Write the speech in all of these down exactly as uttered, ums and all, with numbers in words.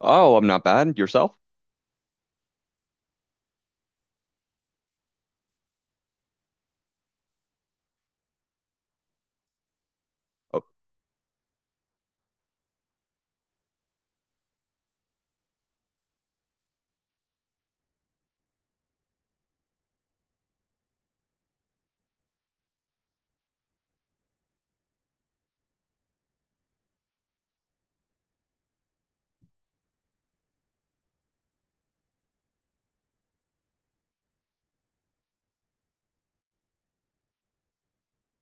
Oh, I'm not bad. Yourself? Oh,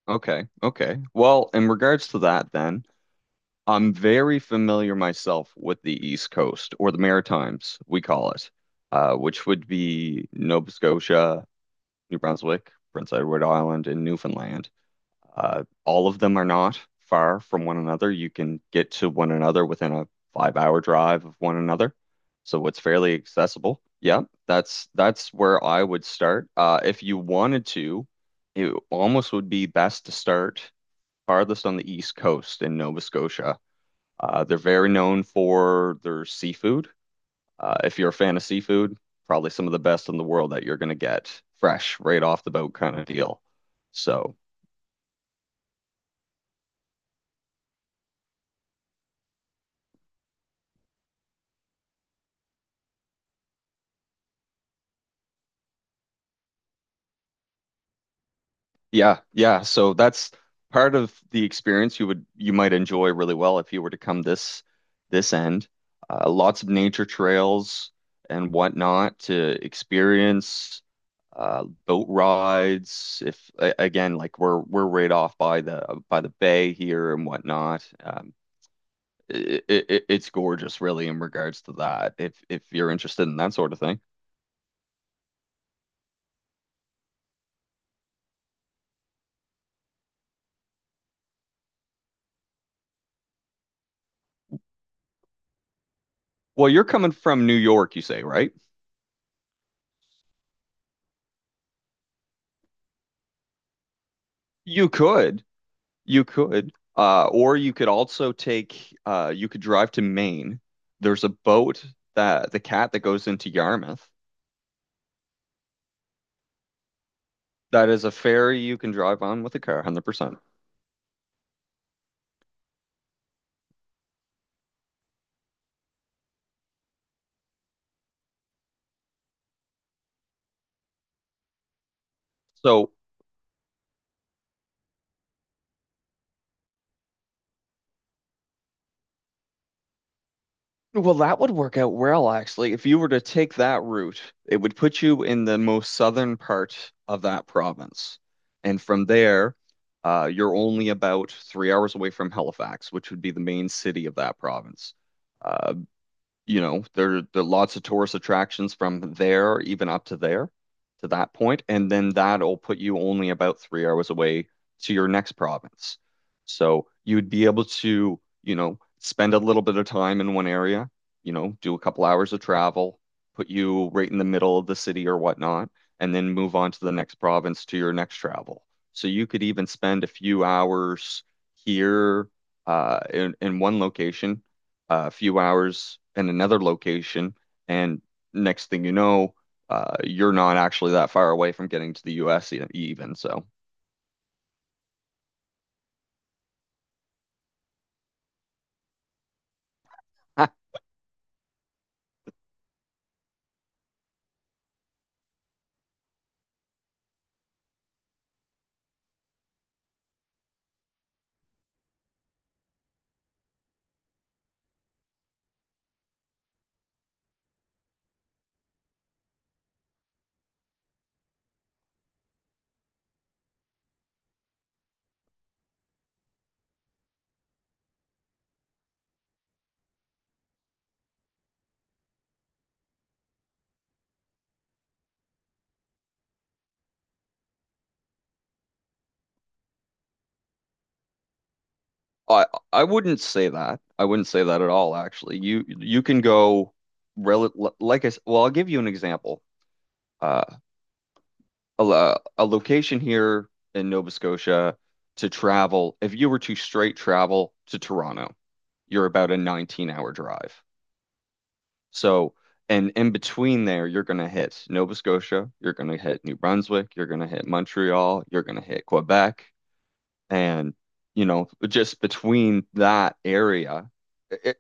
okay. Okay. Well, in regards to that, then, I'm very familiar myself with the East Coast, or the Maritimes, we call it, uh, which would be Nova Scotia, New Brunswick, Prince Edward Island, and Newfoundland. Uh, All of them are not far from one another. You can get to one another within a five-hour drive of one another. So it's fairly accessible. Yeah, that's that's where I would start. Uh, if you wanted to, it almost would be best to start farthest on the east coast in Nova Scotia. Uh, they're very known for their seafood. Uh, if you're a fan of seafood, probably some of the best in the world that you're going to get fresh right off the boat kind of deal. So yeah, yeah. So that's part of the experience you would you might enjoy really well if you were to come this this end. Uh, lots of nature trails and whatnot to experience. Uh, boat rides. If a- Again, like we're we're right off by the by the bay here and whatnot. Um, it, it, it's gorgeous, really, in regards to that. If if you're interested in that sort of thing. Well, you're coming from New York, you say, right? You could. You could, uh, or you could also take, uh, you could drive to Maine. There's a boat that the cat that goes into Yarmouth. That is a ferry you can drive on with a car, one hundred percent. So, well, that would work out well, actually. If you were to take that route, it would put you in the most southern part of that province. And from there, uh, you're only about three hours away from Halifax, which would be the main city of that province. Uh, you know, there, there are lots of tourist attractions from there, even up to there, to that point, and then that'll put you only about three hours away to your next province. So you would be able to, you know, spend a little bit of time in one area, you know, do a couple hours of travel, put you right in the middle of the city or whatnot, and then move on to the next province to your next travel. So you could even spend a few hours here uh, in, in one location, a few hours in another location, and next thing you know, uh, you're not actually that far away from getting to the U S e- even. So I I wouldn't say that. I wouldn't say that at all, actually. You you can go rel like I s- well, I'll give you an example. Uh, a, lo- a location here in Nova Scotia to travel, if you were to straight travel to Toronto, you're about a nineteen hour drive. So, and in between there, you're going to hit Nova Scotia, you're going to hit New Brunswick, you're going to hit Montreal, you're going to hit Quebec. And, you know, just between that area, it,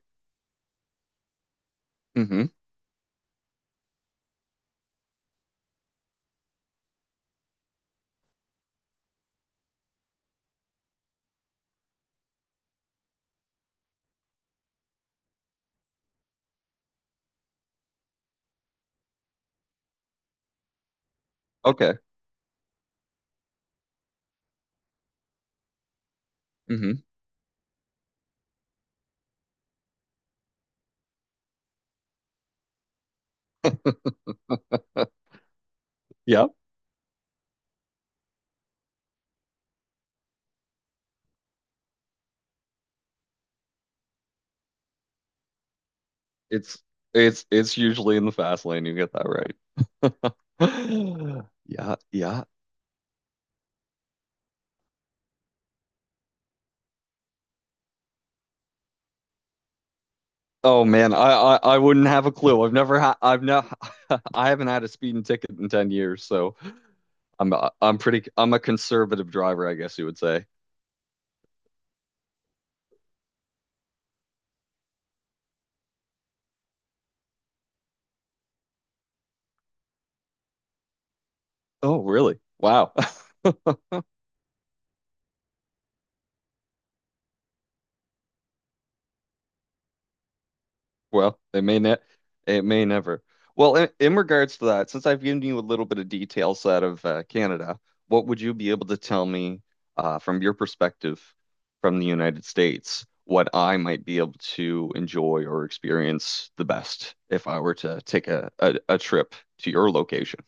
hmm okay. hmm Yeah. It's, it's, it's usually in the fast lane. You get that right. Yeah. Yeah. Oh man, I, I, I wouldn't have a clue. I've never had, I've not, I haven't had a speeding ticket in ten years. So I'm, I'm pretty, I'm a conservative driver, I guess you would say. Oh, really? Wow. Well, it may ne it may never. Well, in, in regards to that, since I've given you a little bit of details out of uh, Canada, what would you be able to tell me uh, from your perspective, from the United States, what I might be able to enjoy or experience the best if I were to take a, a, a trip to your location?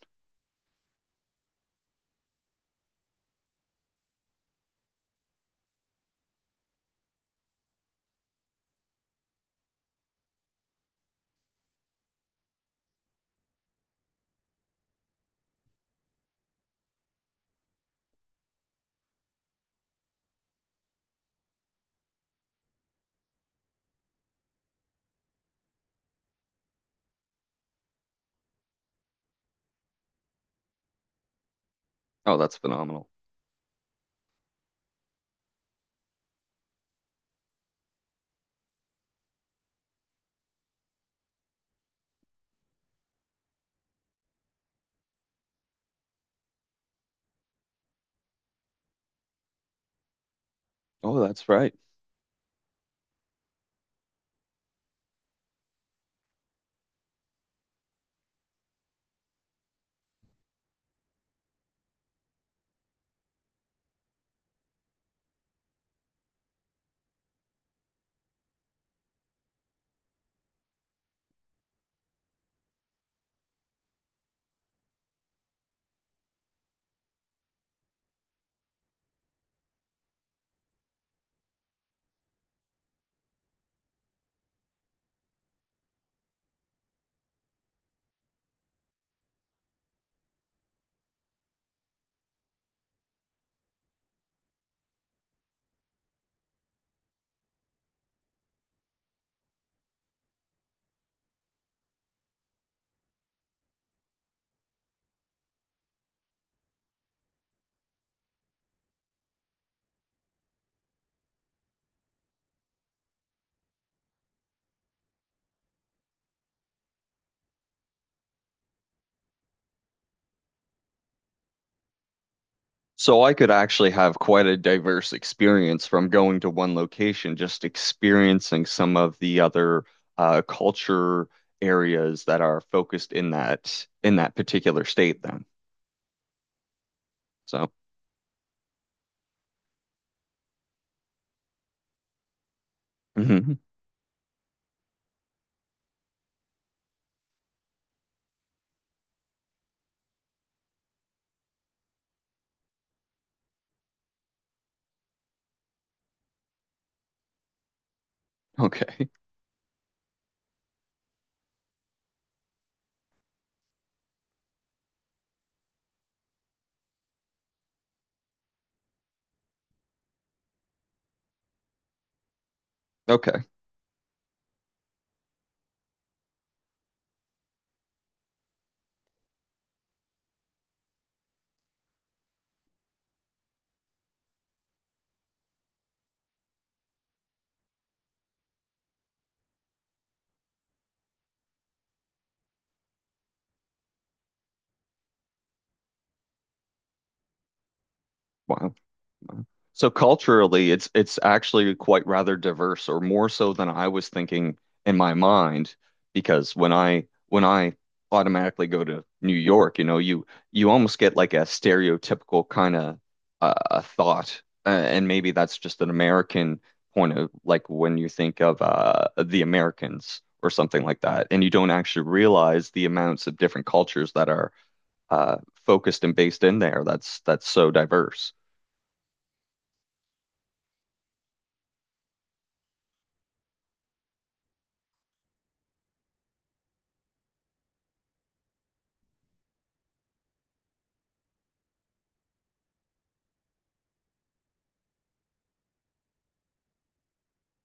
Oh, that's phenomenal. Oh, that's right. So I could actually have quite a diverse experience from going to one location, just experiencing some of the other uh, culture areas that are focused in that in that particular state then. So, mhm. Okay. Okay. Wow. So culturally, it's it's actually quite rather diverse, or more so than I was thinking in my mind, because when I when I automatically go to New York, you know, you you almost get like a stereotypical kind of uh, a thought, uh, and maybe that's just an American point of like when you think of uh, the Americans or something like that, and you don't actually realize the amounts of different cultures that are uh, focused and based in there. That's that's so diverse.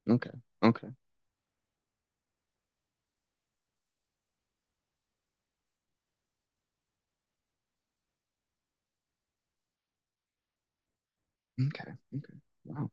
Okay. Okay. Okay. Okay. Wow.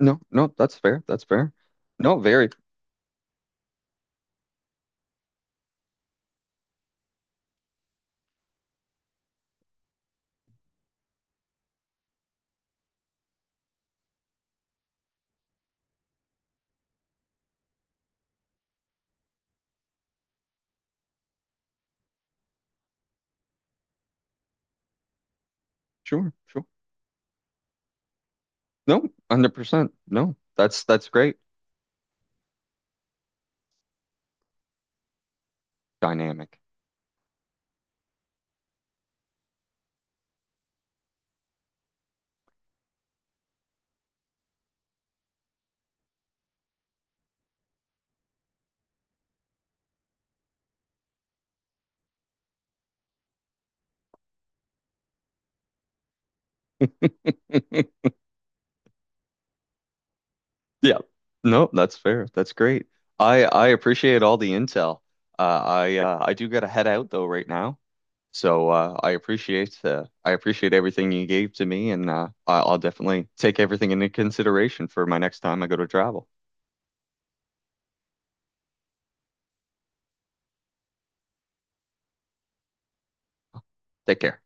No, no, that's fair. That's fair. No, very sure, sure. No, one hundred percent. No, that's that's great. Dynamic. Yeah. No, that's fair. That's great. I I appreciate all the intel. Uh, I uh, I do gotta head out though right now. So uh, I appreciate, uh, I appreciate everything you gave to me, and uh, I- I'll definitely take everything into consideration for my next time I go to travel. Take care.